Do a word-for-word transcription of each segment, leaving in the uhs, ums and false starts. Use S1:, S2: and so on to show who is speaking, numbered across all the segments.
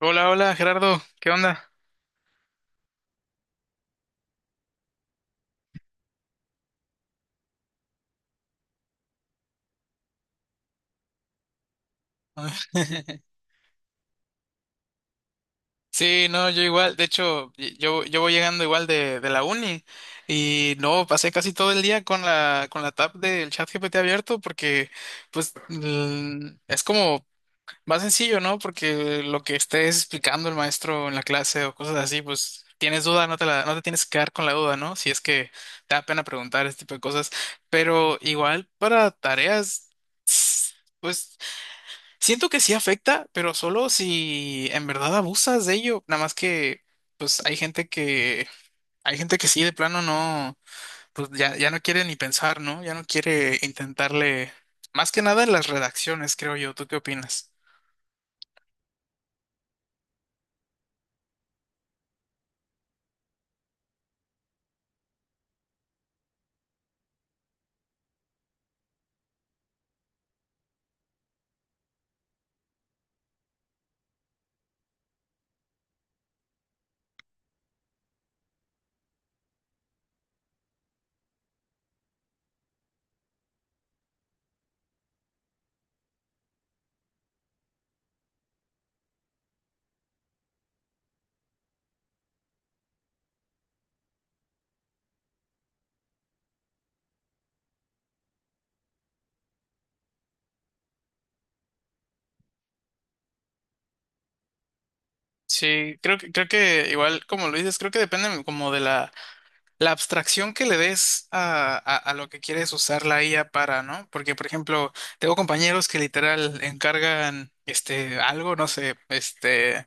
S1: Hola, hola Gerardo, ¿qué onda? Sí, no, yo igual, de hecho, y- yo, yo voy llegando igual de, de la uni y no, pasé casi todo el día con la, con la tab del chat G P T abierto porque pues mm, es como más sencillo, ¿no? Porque lo que estés explicando el maestro en la clase o cosas así, pues tienes duda, no te la, no te tienes que quedar con la duda, ¿no? Si es que te da pena preguntar este tipo de cosas, pero igual para tareas, pues. Siento que sí afecta, pero solo si en verdad abusas de ello. Nada más que, pues hay gente que, hay gente que sí, de plano no, pues ya, ya no quiere ni pensar, ¿no? Ya no quiere intentarle, más que nada en las redacciones, creo yo. ¿Tú qué opinas? Sí, creo que, creo que igual, como lo dices, creo que depende como de la, la abstracción que le des a, a, a lo que quieres usar la I A para, ¿no? Porque, por ejemplo, tengo compañeros que literal encargan este algo, no sé, este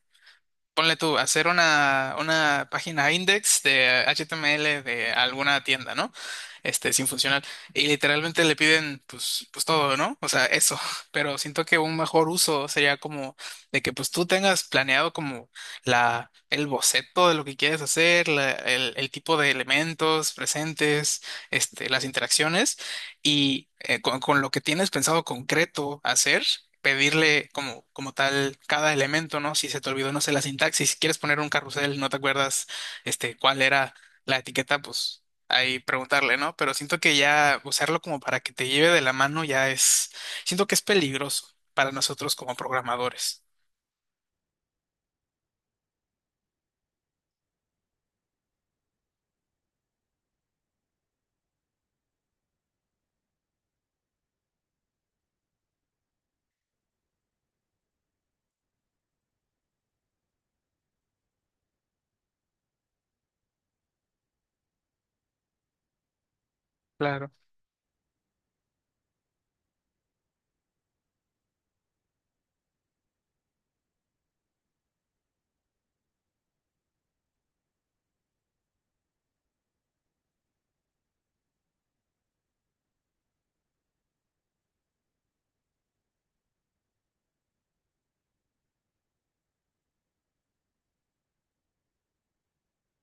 S1: ponle tú, hacer una, una página index de H T M L de alguna tienda, ¿no? Este, sin funcional. Y literalmente le piden, pues, pues todo, ¿no? O sea, eso. Pero siento que un mejor uso sería como de que, pues, tú tengas planeado como la, el boceto de lo que quieres hacer, la- el, el tipo de elementos presentes, este, las interacciones y eh, con, con lo que tienes pensado concreto hacer, pedirle como, como tal cada elemento, ¿no? Si se te olvidó, no sé, la sintaxis, si quieres poner un carrusel, no te acuerdas este, cuál era la etiqueta, pues ahí preguntarle, ¿no? Pero siento que ya usarlo como para que te lleve de la mano ya es, siento que es peligroso para nosotros como programadores. Claro.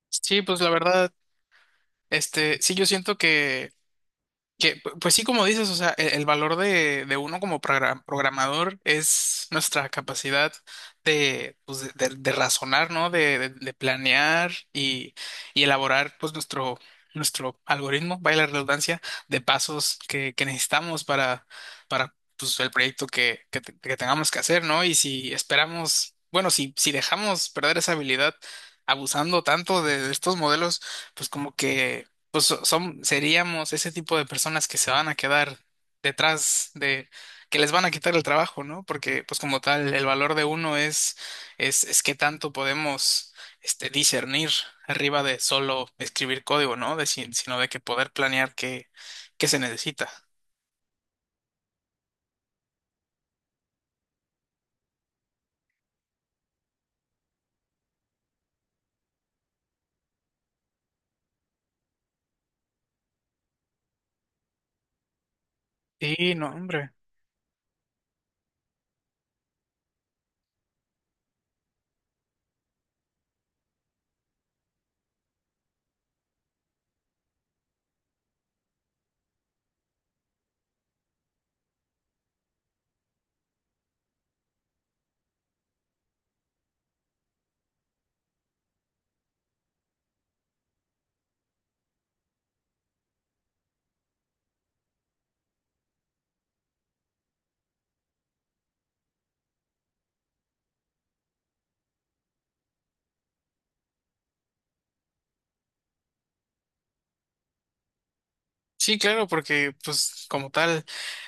S1: Sí, pues la verdad, este, sí, yo siento que Que, pu- pues sí, como dices, o sea, e- el, valor de, de uno como progra- programador es nuestra capacidad de, pues, de, de- de razonar, ¿no? De, de- de planear y, y elaborar, pues, nuestro, nuestro algoritmo, vaya la redundancia, de pasos que, que necesitamos para, para, pues, el proyecto que, que, te- que tengamos que hacer, ¿no? Y si esperamos, bueno, si, si dejamos perder esa habilidad abusando tanto de de estos modelos, pues como que pues so- son, seríamos ese tipo de personas que se van a quedar detrás de, que les van a quitar el trabajo, ¿no? Porque, pues como tal, el valor de uno es, es, es qué tanto podemos, este, discernir arriba de solo escribir código, ¿no? De, si- sino de que poder planear qué, qué se necesita. Sí, no, hombre. Sí, claro, porque pues como tal,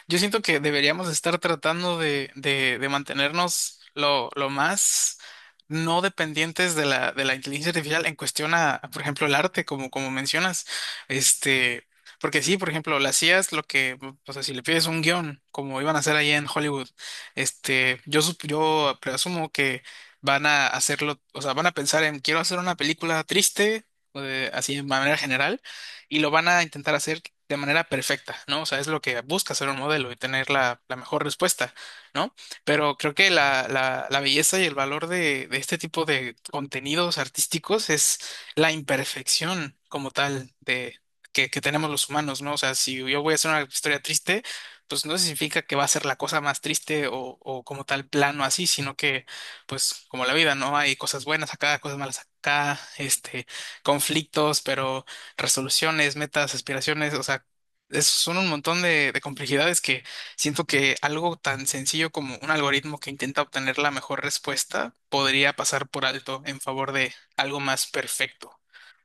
S1: yo siento que deberíamos estar tratando de, de, de mantenernos lo, lo más no dependientes de la, de la inteligencia artificial en cuestión a, a, por ejemplo, el arte, como, como mencionas. Este, porque sí, por ejemplo, las I As, lo que, o sea, si le pides un guión, como iban a hacer allá en Hollywood, este, yo, sup- yo presumo que van a hacerlo, o sea, van a pensar en, quiero hacer una película triste, eh, así de manera general y lo van a intentar hacer de manera perfecta, ¿no? O sea, es lo que busca ser un modelo y tener la, la mejor respuesta, ¿no? Pero creo que la, la, la belleza y el valor de, de este tipo de contenidos artísticos es la imperfección como tal de, que, que tenemos los humanos, ¿no? O sea, si yo voy a hacer una historia triste, pues no significa que va a ser la cosa más triste o, o como tal plano así, sino que, pues como la vida, ¿no? Hay cosas buenas acá, cosas malas acá, este, conflictos, pero resoluciones, metas, aspiraciones, o sea, es- son un montón de, de complejidades que siento que algo tan sencillo como un algoritmo que intenta obtener la mejor respuesta podría pasar por alto en favor de algo más perfecto,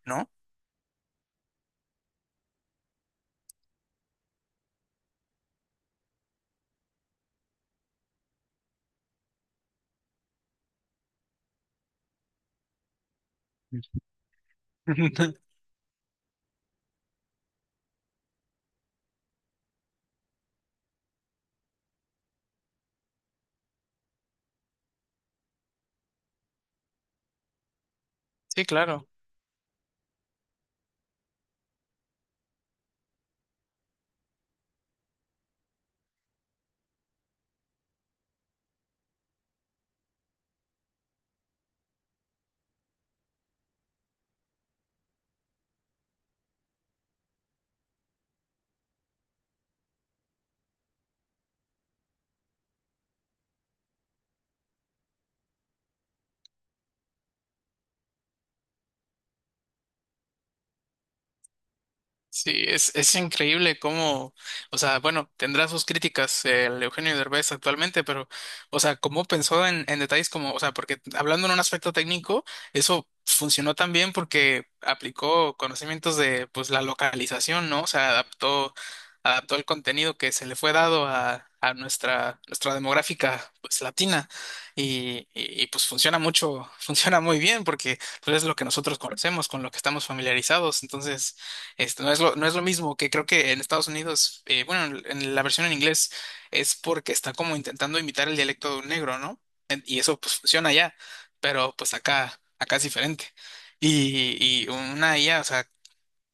S1: ¿no? Sí, claro. Sí, es, es increíble cómo, o sea, bueno, tendrá sus críticas el Eugenio Derbez actualmente, pero, o sea, cómo pensó en, en detalles como, o sea, porque hablando en un aspecto técnico, eso funcionó también porque aplicó conocimientos de, pues, la localización, ¿no? O sea, adaptó, adaptó el contenido que se le fue dado a, a nuestra, nuestra demográfica, pues, latina, y, y, y, pues funciona mucho, funciona muy bien porque, pues, es lo que nosotros conocemos, con lo que estamos familiarizados, entonces. Esto no es lo, no es lo mismo que creo que en Estados Unidos, eh, bueno, en en la versión en inglés es porque está como intentando imitar el dialecto de un negro, ¿no? En- Y eso pues funciona allá, pero pues acá, acá es diferente. Y, y una I A, o sea,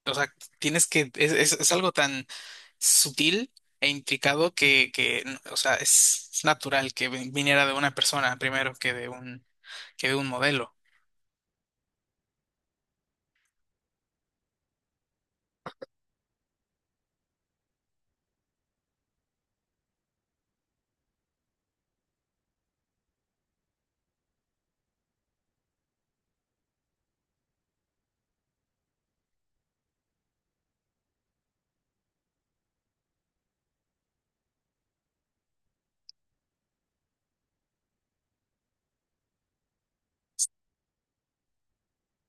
S1: o sea, tienes que, es, es, es algo tan sutil e intricado que, que, o sea, es natural que viniera de una persona primero que de un, que de un modelo.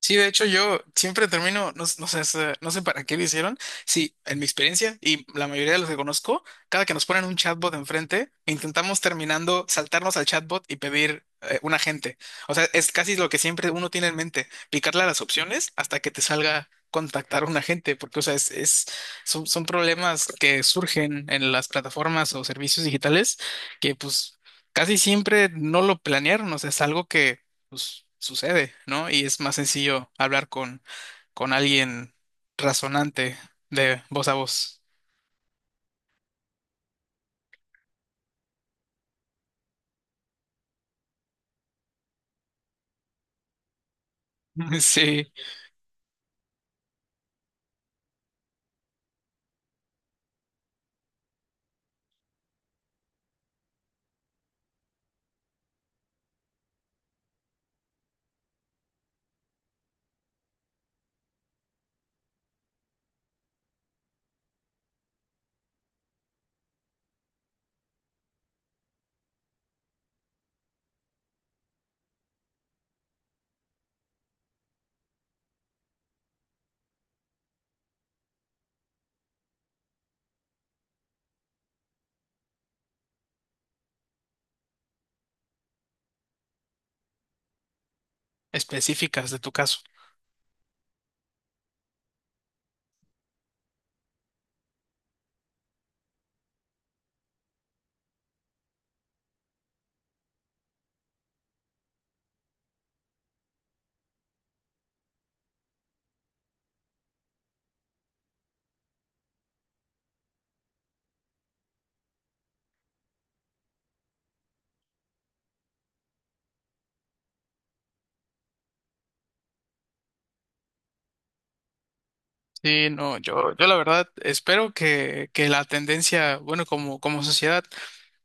S1: Sí, de hecho yo siempre termino, no, no sé, se- no sé para qué lo hicieron. Sí, en mi experiencia y la mayoría de los que conozco, cada que nos ponen un chatbot enfrente, intentamos terminando saltarnos al chatbot y pedir eh, un agente. O sea, es casi lo que siempre uno tiene en mente, picarle a las opciones hasta que te salga contactar a un agente, porque o sea, es, es- son, son problemas que surgen en las plataformas o servicios digitales que pues casi siempre no lo planearon, o sea, es algo que pues sucede, ¿no? Y es más sencillo hablar con, con alguien razonante de voz a voz. Sí, específicas de tu caso. Sí, no, yo, yo la verdad espero que, que la tendencia, bueno, como, como sociedad,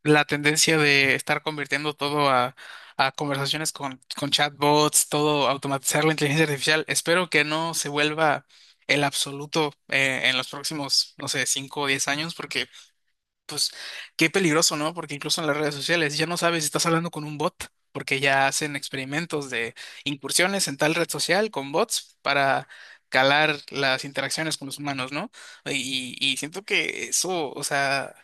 S1: la tendencia de estar convirtiendo todo a, a conversaciones con, con chatbots, todo automatizar la inteligencia artificial, espero que no se vuelva el absoluto eh, en los próximos, no sé, cinco o diez años, porque pues qué peligroso, ¿no? Porque incluso en las redes sociales ya no sabes si estás hablando con un bot, porque ya hacen experimentos de incursiones en tal red social con bots para calar las interacciones con los humanos, ¿no? Y, y siento que eso, o sea,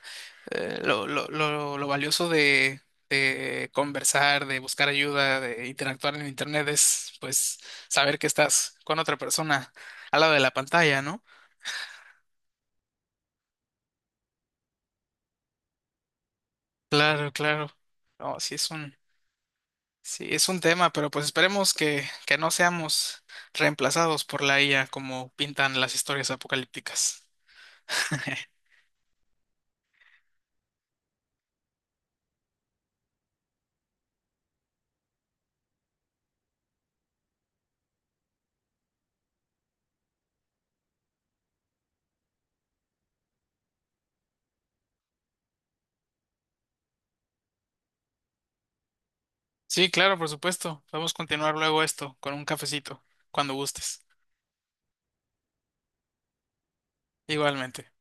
S1: eh, lo, lo, lo, lo valioso de, de conversar, de buscar ayuda, de interactuar en Internet es, pues, saber que estás con otra persona al lado de la pantalla, ¿no? Claro, claro. No, sí es un. Sí, es un tema, pero pues esperemos que, que no seamos reemplazados por la I A como pintan las historias apocalípticas. Sí, claro, por supuesto. Vamos a continuar luego esto con un cafecito, cuando gustes. Igualmente.